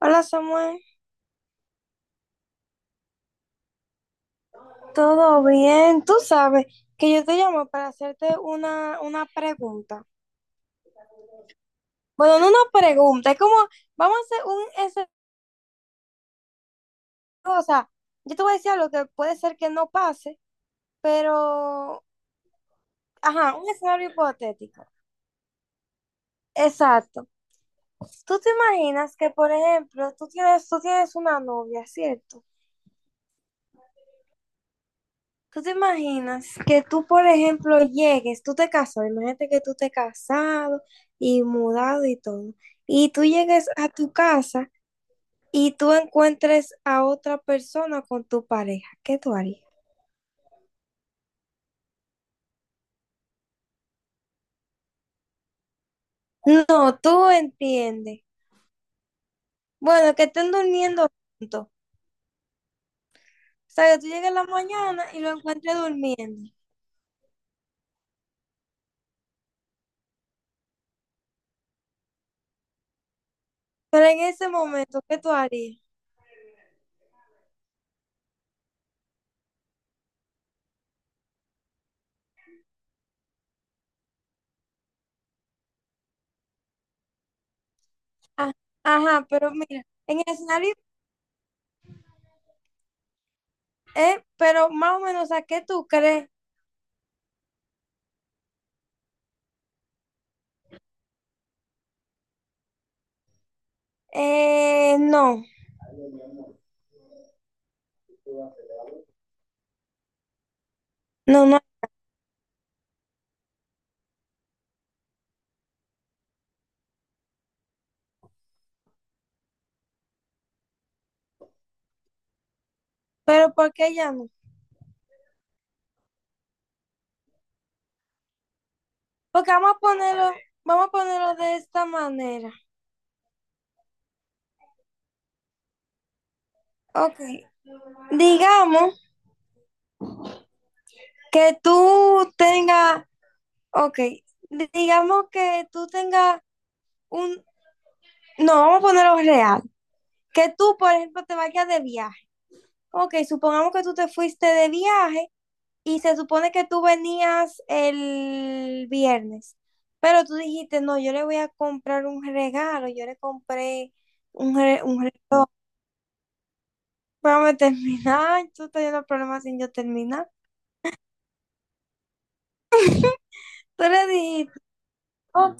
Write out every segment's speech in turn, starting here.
Hola Samuel, ¿todo bien? Tú sabes que yo te llamo para hacerte una pregunta. Bueno, no una pregunta, es como, vamos a hacer un escenario, o sea, yo te voy a decir algo que puede ser que no pase, pero, ajá, un escenario hipotético. Exacto. Tú te imaginas que, por ejemplo, tú tienes una novia, ¿cierto? ¿Tú te imaginas que tú, por ejemplo, llegues, tú te casas, imagínate que tú te casado y mudado y todo, y tú llegues a tu casa y tú encuentres a otra persona con tu pareja? ¿Qué tú harías? No, tú entiendes. Bueno, que estén durmiendo juntos. O sea, que tú llegues en la mañana y lo encuentres durmiendo. Pero en ese momento, ¿qué tú harías? Ah, ajá, pero mira, en el escenario, pero más o menos, ¿a qué tú crees? No. No, no, pero ¿por qué ya no? Porque vamos a ponerlo de esta manera. Ok, digamos que tú tengas, ok, digamos que tú tengas un, no, vamos a ponerlo real, que tú, por ejemplo, te vayas de viaje. Ok, supongamos que tú te fuiste de viaje y se supone que tú venías el viernes, pero tú dijiste, no, yo le voy a comprar un regalo, yo le compré un, un regalo. Vamos a terminar. Tú estás yendo problemas sin yo terminar. Tú le dijiste, ok,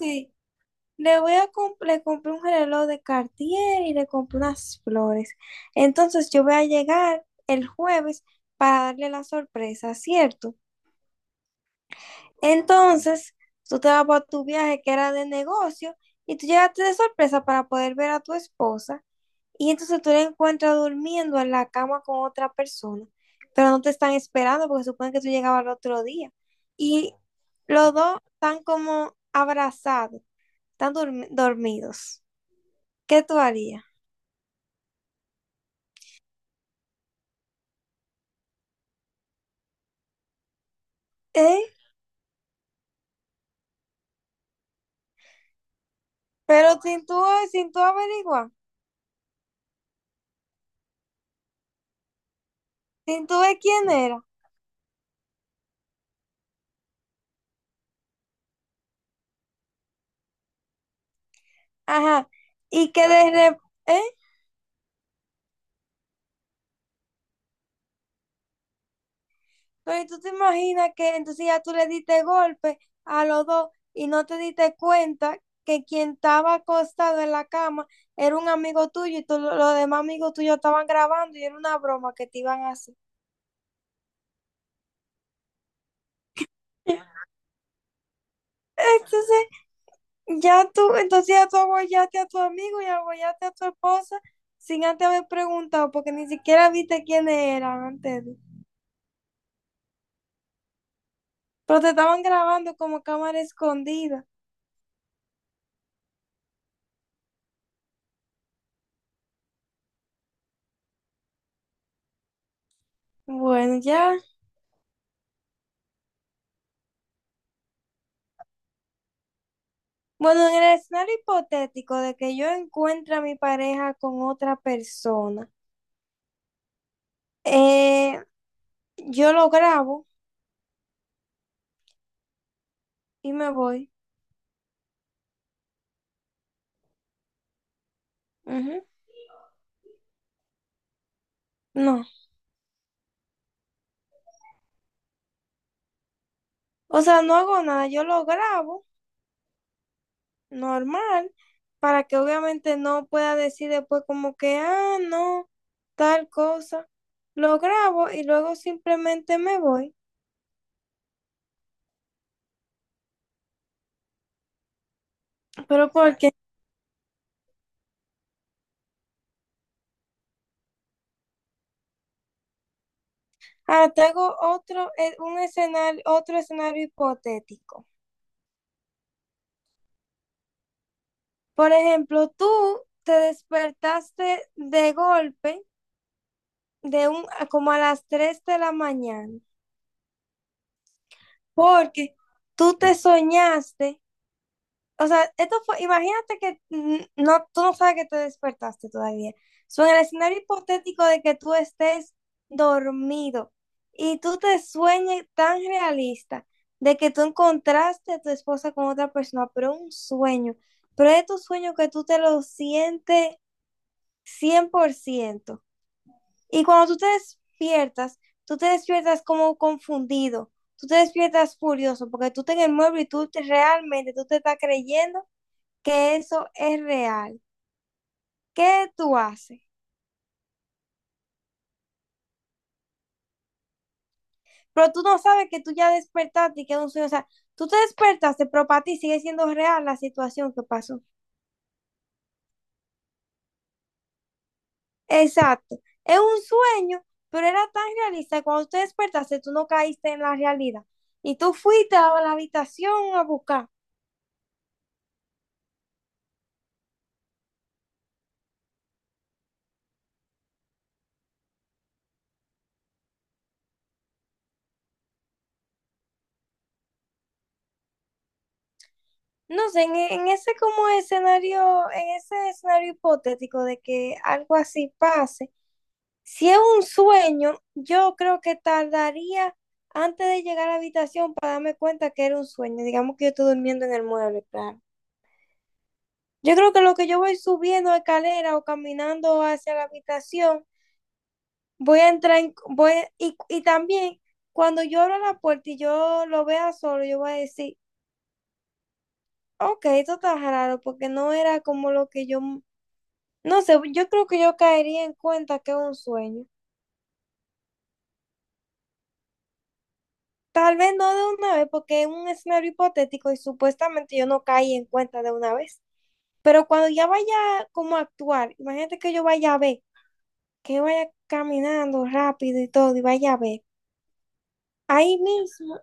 le compré un reloj de Cartier y le compré unas flores. Entonces yo voy a llegar el jueves para darle la sorpresa, ¿cierto? Entonces tú te vas para tu viaje que era de negocio y tú llegaste de sorpresa para poder ver a tu esposa. Y entonces tú la encuentras durmiendo en la cama con otra persona, pero no te están esperando porque suponen que tú llegabas al otro día. Y los dos están como abrazados, están dormidos. ¿Qué tú harías? ¿Eh? Pero sin tú, sin tú averiguar, sin tú ver quién era. Ajá. Y que de repente, ¿eh? Entonces tú te imaginas que entonces ya tú le diste golpe a los dos y no te diste cuenta que quien estaba acostado en la cama era un amigo tuyo y los demás amigos tuyos estaban grabando y era una broma que te iban a hacer. Entonces entonces ya tú abollaste a tu amigo y abollaste a tu esposa sin antes haber preguntado porque ni siquiera viste quiénes eran antes de. Pero te estaban grabando como cámara escondida. Bueno, ya. Bueno, en el escenario hipotético de que yo encuentre a mi pareja con otra persona, eh, yo lo grabo y me voy. Ujú. No, o sea, no hago nada, yo lo grabo normal para que obviamente no pueda decir después como que, ah, no, tal cosa. Lo grabo y luego simplemente me voy. Pero porque, ah, te hago otro, un escenario, otro escenario hipotético. Por ejemplo, tú te despertaste de golpe de un, como a las 3 de la mañana, porque tú te soñaste, o sea, esto fue, imagínate que no, tú no sabes que te despertaste todavía. So, en el escenario hipotético de que tú estés dormido y tú te sueñes tan realista de que tú encontraste a tu esposa con otra persona, pero un sueño, pero es tu sueño que tú te lo sientes 100%. Y cuando tú te despiertas como confundido, tú te despiertas furioso, porque tú estás en el mueble y realmente tú te estás creyendo que eso es real. ¿Qué tú haces? Pero tú no sabes que tú ya despertaste y que es un sueño. O sea, tú te despertaste, pero para ti sigue siendo real la situación que pasó. Exacto. Es un sueño, pero era tan realista que cuando tú te despertaste, tú no caíste en la realidad. Y tú fuiste a la habitación a buscar. No sé, en ese como escenario, en ese escenario hipotético de que algo así pase, si es un sueño, yo creo que tardaría antes de llegar a la habitación para darme cuenta que era un sueño. Digamos que yo estoy durmiendo en el mueble, claro. Yo creo que lo que yo voy subiendo escalera o caminando hacia la habitación, voy a entrar en, voy, y también cuando yo abra la puerta y yo lo vea solo, yo voy a decir, ok, esto está raro porque no era como lo que yo. No sé, yo creo que yo caería en cuenta que es un sueño. Tal vez no de una vez, porque es un escenario hipotético y supuestamente yo no caí en cuenta de una vez. Pero cuando ya vaya como a actuar, imagínate que yo vaya a ver, que yo vaya caminando rápido y todo, y vaya a ver. Ahí mismo.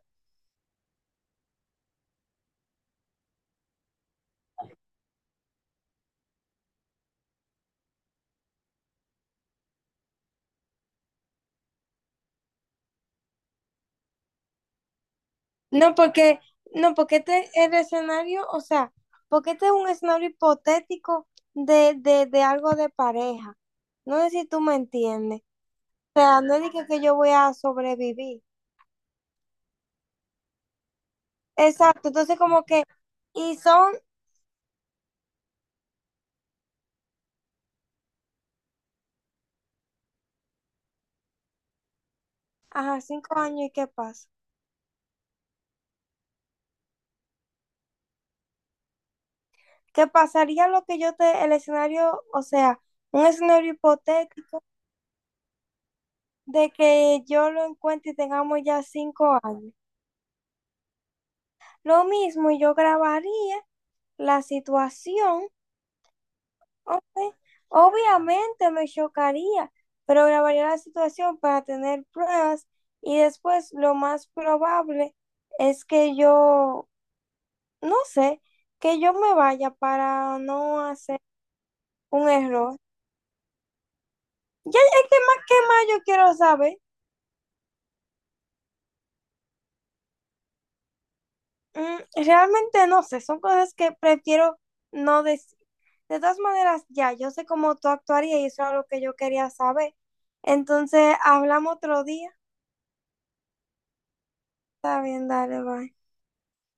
No, porque, no, porque este es el escenario, o sea, porque este es un escenario hipotético de algo de pareja. No sé si tú me entiendes. O sea, no digo que yo voy a sobrevivir. Exacto, entonces como que, y son, ajá, 5 años, ¿y qué pasa? ¿Qué pasaría lo que yo te, el escenario, o sea, un escenario hipotético de que yo lo encuentre y tengamos ya 5 años? Lo mismo, yo grabaría la situación, ok, obviamente me chocaría, pero grabaría la situación para tener pruebas y después lo más probable es que yo no sé, que yo me vaya para no hacer un error. Ya es que más yo quiero saber. Mm, realmente no sé, son cosas que prefiero no decir. De todas maneras, ya, yo sé cómo tú actuarías y eso era lo que yo quería saber. Entonces, hablamos otro día. Está bien, dale, bye.